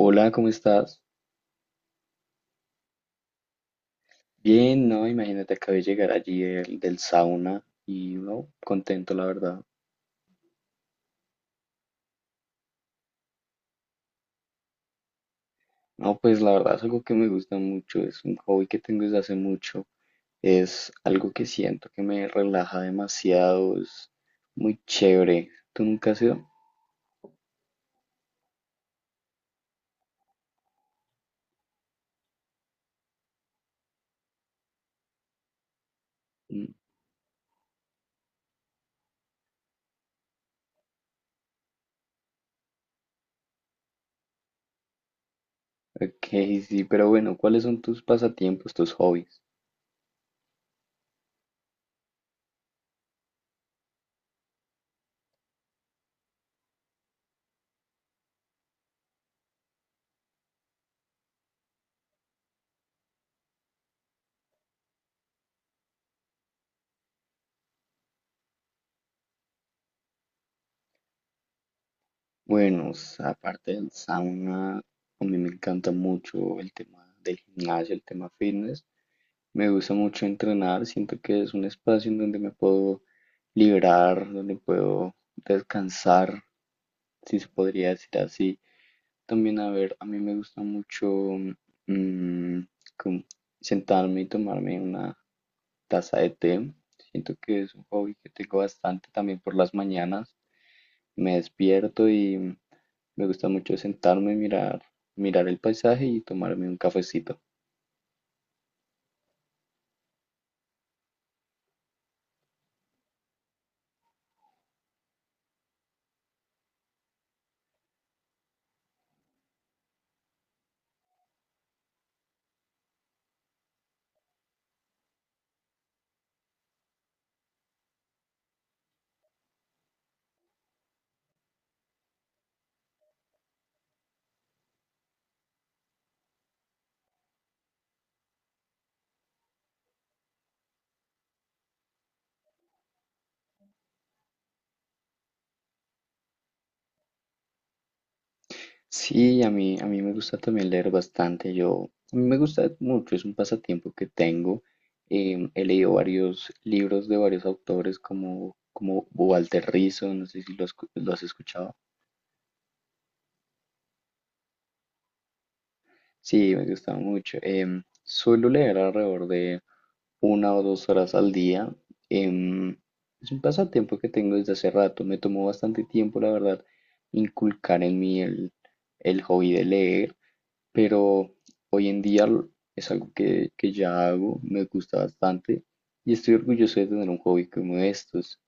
Hola, ¿cómo estás? Bien, no, imagínate, acabé de llegar allí del sauna y no, contento, la verdad. No, pues la verdad es algo que me gusta mucho, es un hobby que tengo desde hace mucho, es algo que siento que me relaja demasiado, es muy chévere. ¿Tú nunca has ido? Mm. Ok, sí, pero bueno, ¿cuáles son tus pasatiempos, tus hobbies? Bueno, s- aparte del sauna, a mí me encanta mucho el tema del gimnasio, el tema fitness. Me gusta mucho entrenar, siento que es un espacio en donde me puedo liberar, donde puedo descansar, si se podría decir así. También, a ver, a mí me gusta mucho mm, como sentarme y tomarme una taza de té. Siento que es un hobby que tengo bastante también por las mañanas. Me despierto y me gusta mucho sentarme, mirar, mirar el paisaje y tomarme un cafecito. Sí, a mí me gusta también leer bastante. Yo, a mí me gusta mucho, es un pasatiempo que tengo. He leído varios libros de varios autores como Walter Rizzo, no sé si lo has escuchado. Sí, me gusta mucho. Suelo leer alrededor de 1 o 2 horas al día. Em, es un pasatiempo que tengo desde hace rato. Me tomó bastante tiempo, la verdad, inculcar en mí el hobby de leer. Pero hoy en día es algo que ya hago, me gusta bastante y estoy orgulloso de tener un hobby como estos.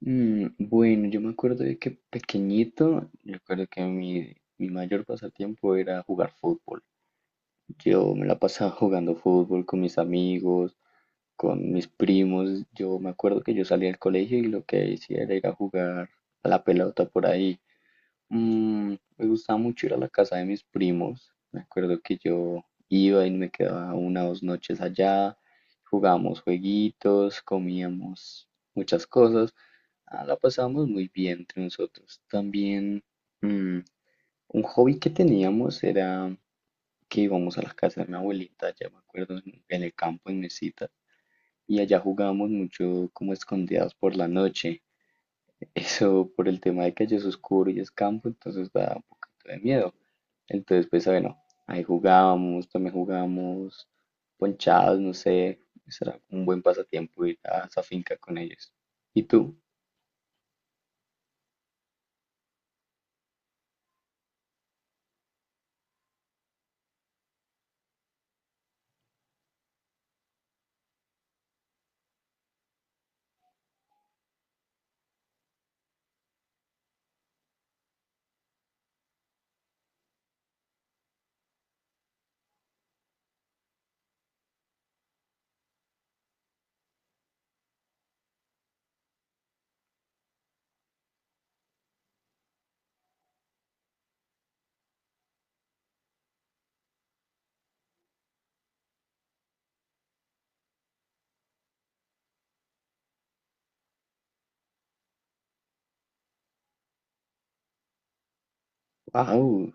Bueno, yo me acuerdo de que pequeñito, yo recuerdo que mi mayor pasatiempo era jugar fútbol. Yo me la pasaba jugando fútbol con mis amigos, con mis primos. Yo me acuerdo que yo salía del colegio y lo que hacía era ir a jugar a la pelota por ahí. Me gustaba mucho ir a la casa de mis primos. Me acuerdo que yo iba y me quedaba 1 o 2 noches allá. Jugábamos jueguitos, comíamos muchas cosas. Ah, la pasábamos muy bien entre nosotros. También mm, un hobby que teníamos era que íbamos a la casa de mi abuelita, ya me acuerdo, en el campo en Mesita. Y allá jugábamos mucho como escondidas por la noche. Eso por el tema de que allá es oscuro y es campo, entonces da un poquito de miedo. Entonces, pues bueno, ahí jugábamos, también jugábamos ponchados, no sé, será un buen pasatiempo ir a esa finca con ellos. ¿Y tú? ¡Wow!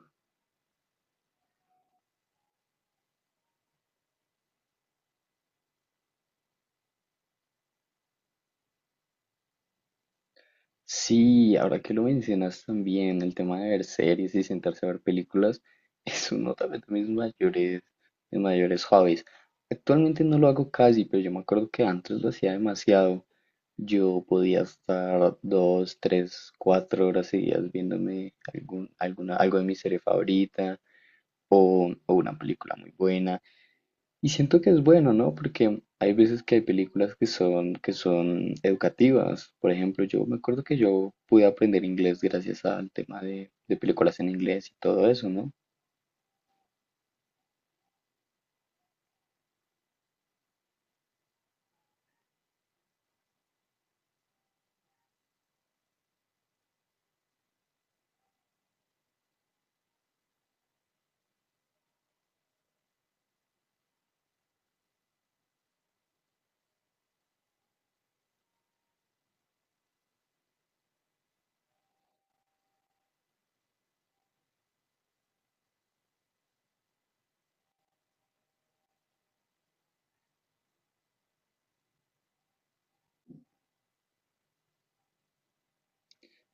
Sí, ahora que lo mencionas también, el tema de ver series y sentarse a ver películas es uno también de mis mayores hobbies. Actualmente no lo hago casi, pero yo me acuerdo que antes lo hacía demasiado. Yo podía estar 2, 3, 4 horas seguidas viéndome algún, alguna, algo de mi serie favorita, o una película muy buena. Y siento que es bueno, ¿no? Porque hay veces que hay películas que son educativas. Por ejemplo, yo me acuerdo que yo pude aprender inglés gracias al tema de películas en inglés y todo eso, ¿no?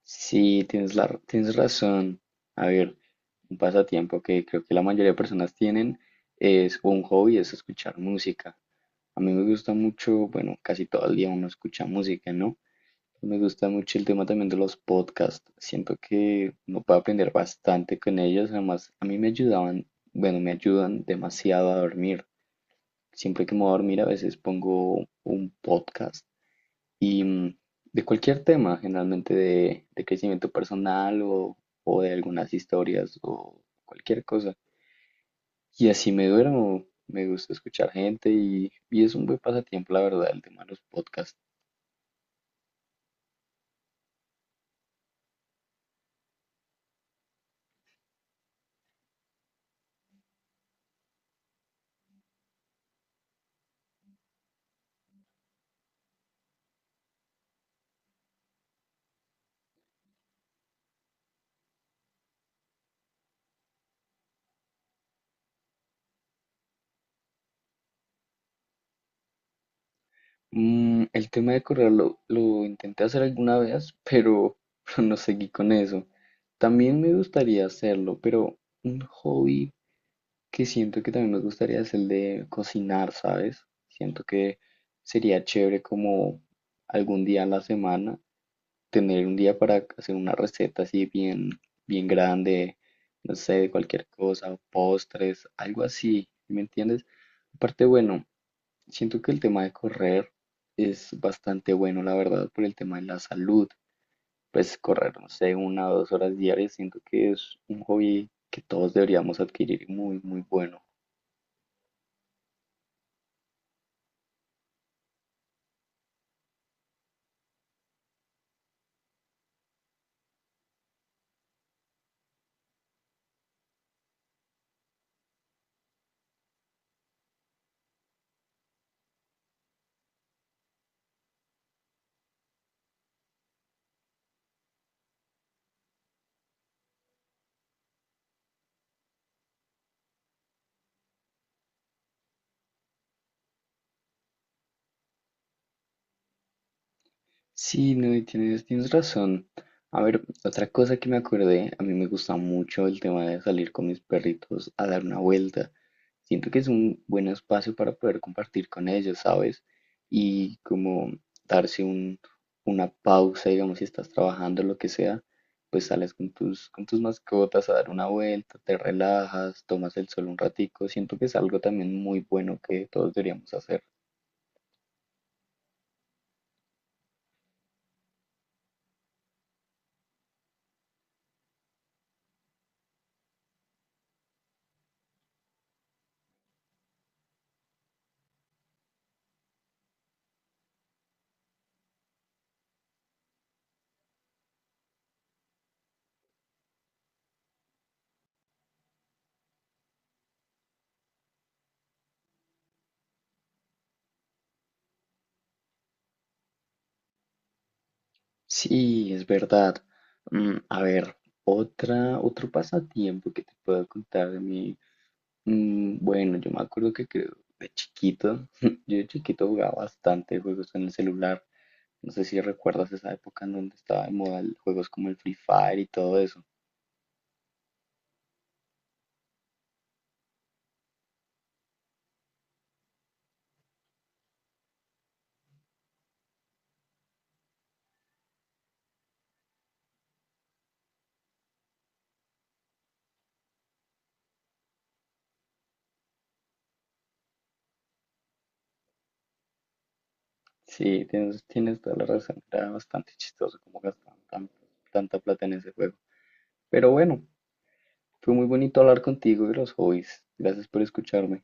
Sí, tienes tienes razón. A ver, un pasatiempo que creo que la mayoría de personas tienen es o un hobby, es escuchar música. A mí me gusta mucho, bueno, casi todo el día uno escucha música, ¿no? Me gusta mucho el tema también de los podcasts. Siento que uno puede aprender bastante con ellos. Además, a mí me ayudaban, bueno, me ayudan demasiado a dormir. Siempre que me voy a dormir, a veces pongo un podcast y de cualquier tema, generalmente de crecimiento personal o de algunas historias o cualquier cosa. Y así me duermo. Me gusta escuchar gente y es un buen pasatiempo, la verdad, el tema de los podcasts. El tema de correr lo intenté hacer alguna vez, pero, pero no seguí con eso. También me gustaría hacerlo, pero un hobby que siento que también me gustaría es el de cocinar, ¿sabes? Siento que sería chévere como algún día a la semana tener un día para hacer una receta así bien, bien grande, no sé, de cualquier cosa, postres, algo así, ¿me entiendes? Aparte, bueno. Siento que el tema de correr es bastante bueno, la verdad, por el tema de la salud. Pues correr, no sé, 1 o 2 horas diarias, siento que es un hobby que todos deberíamos adquirir muy, muy bueno. Sí, no, y tienes razón. A ver, otra cosa que me acordé, a mí me gusta mucho el tema de salir con mis perritos a dar una vuelta. Siento que es un buen espacio para poder compartir con ellos, ¿sabes? Y como darse un, una pausa, digamos, si estás trabajando, lo que sea, pues sales con tus, mascotas a dar una vuelta, te relajas, tomas el sol un ratico. Siento que es algo también muy bueno que todos deberíamos hacer. Sí, es verdad. A ver, otra, otro pasatiempo que te puedo contar de mí. Bueno, yo me acuerdo que creo de chiquito, yo de chiquito jugaba bastante juegos en el celular. No sé si recuerdas esa época en donde estaba de moda juegos como el Free Fire y todo eso. Sí, tienes toda la razón. Era bastante chistoso cómo gastaban tanta plata en ese juego. Pero bueno, fue muy bonito hablar contigo de los hobbies. Gracias por escucharme.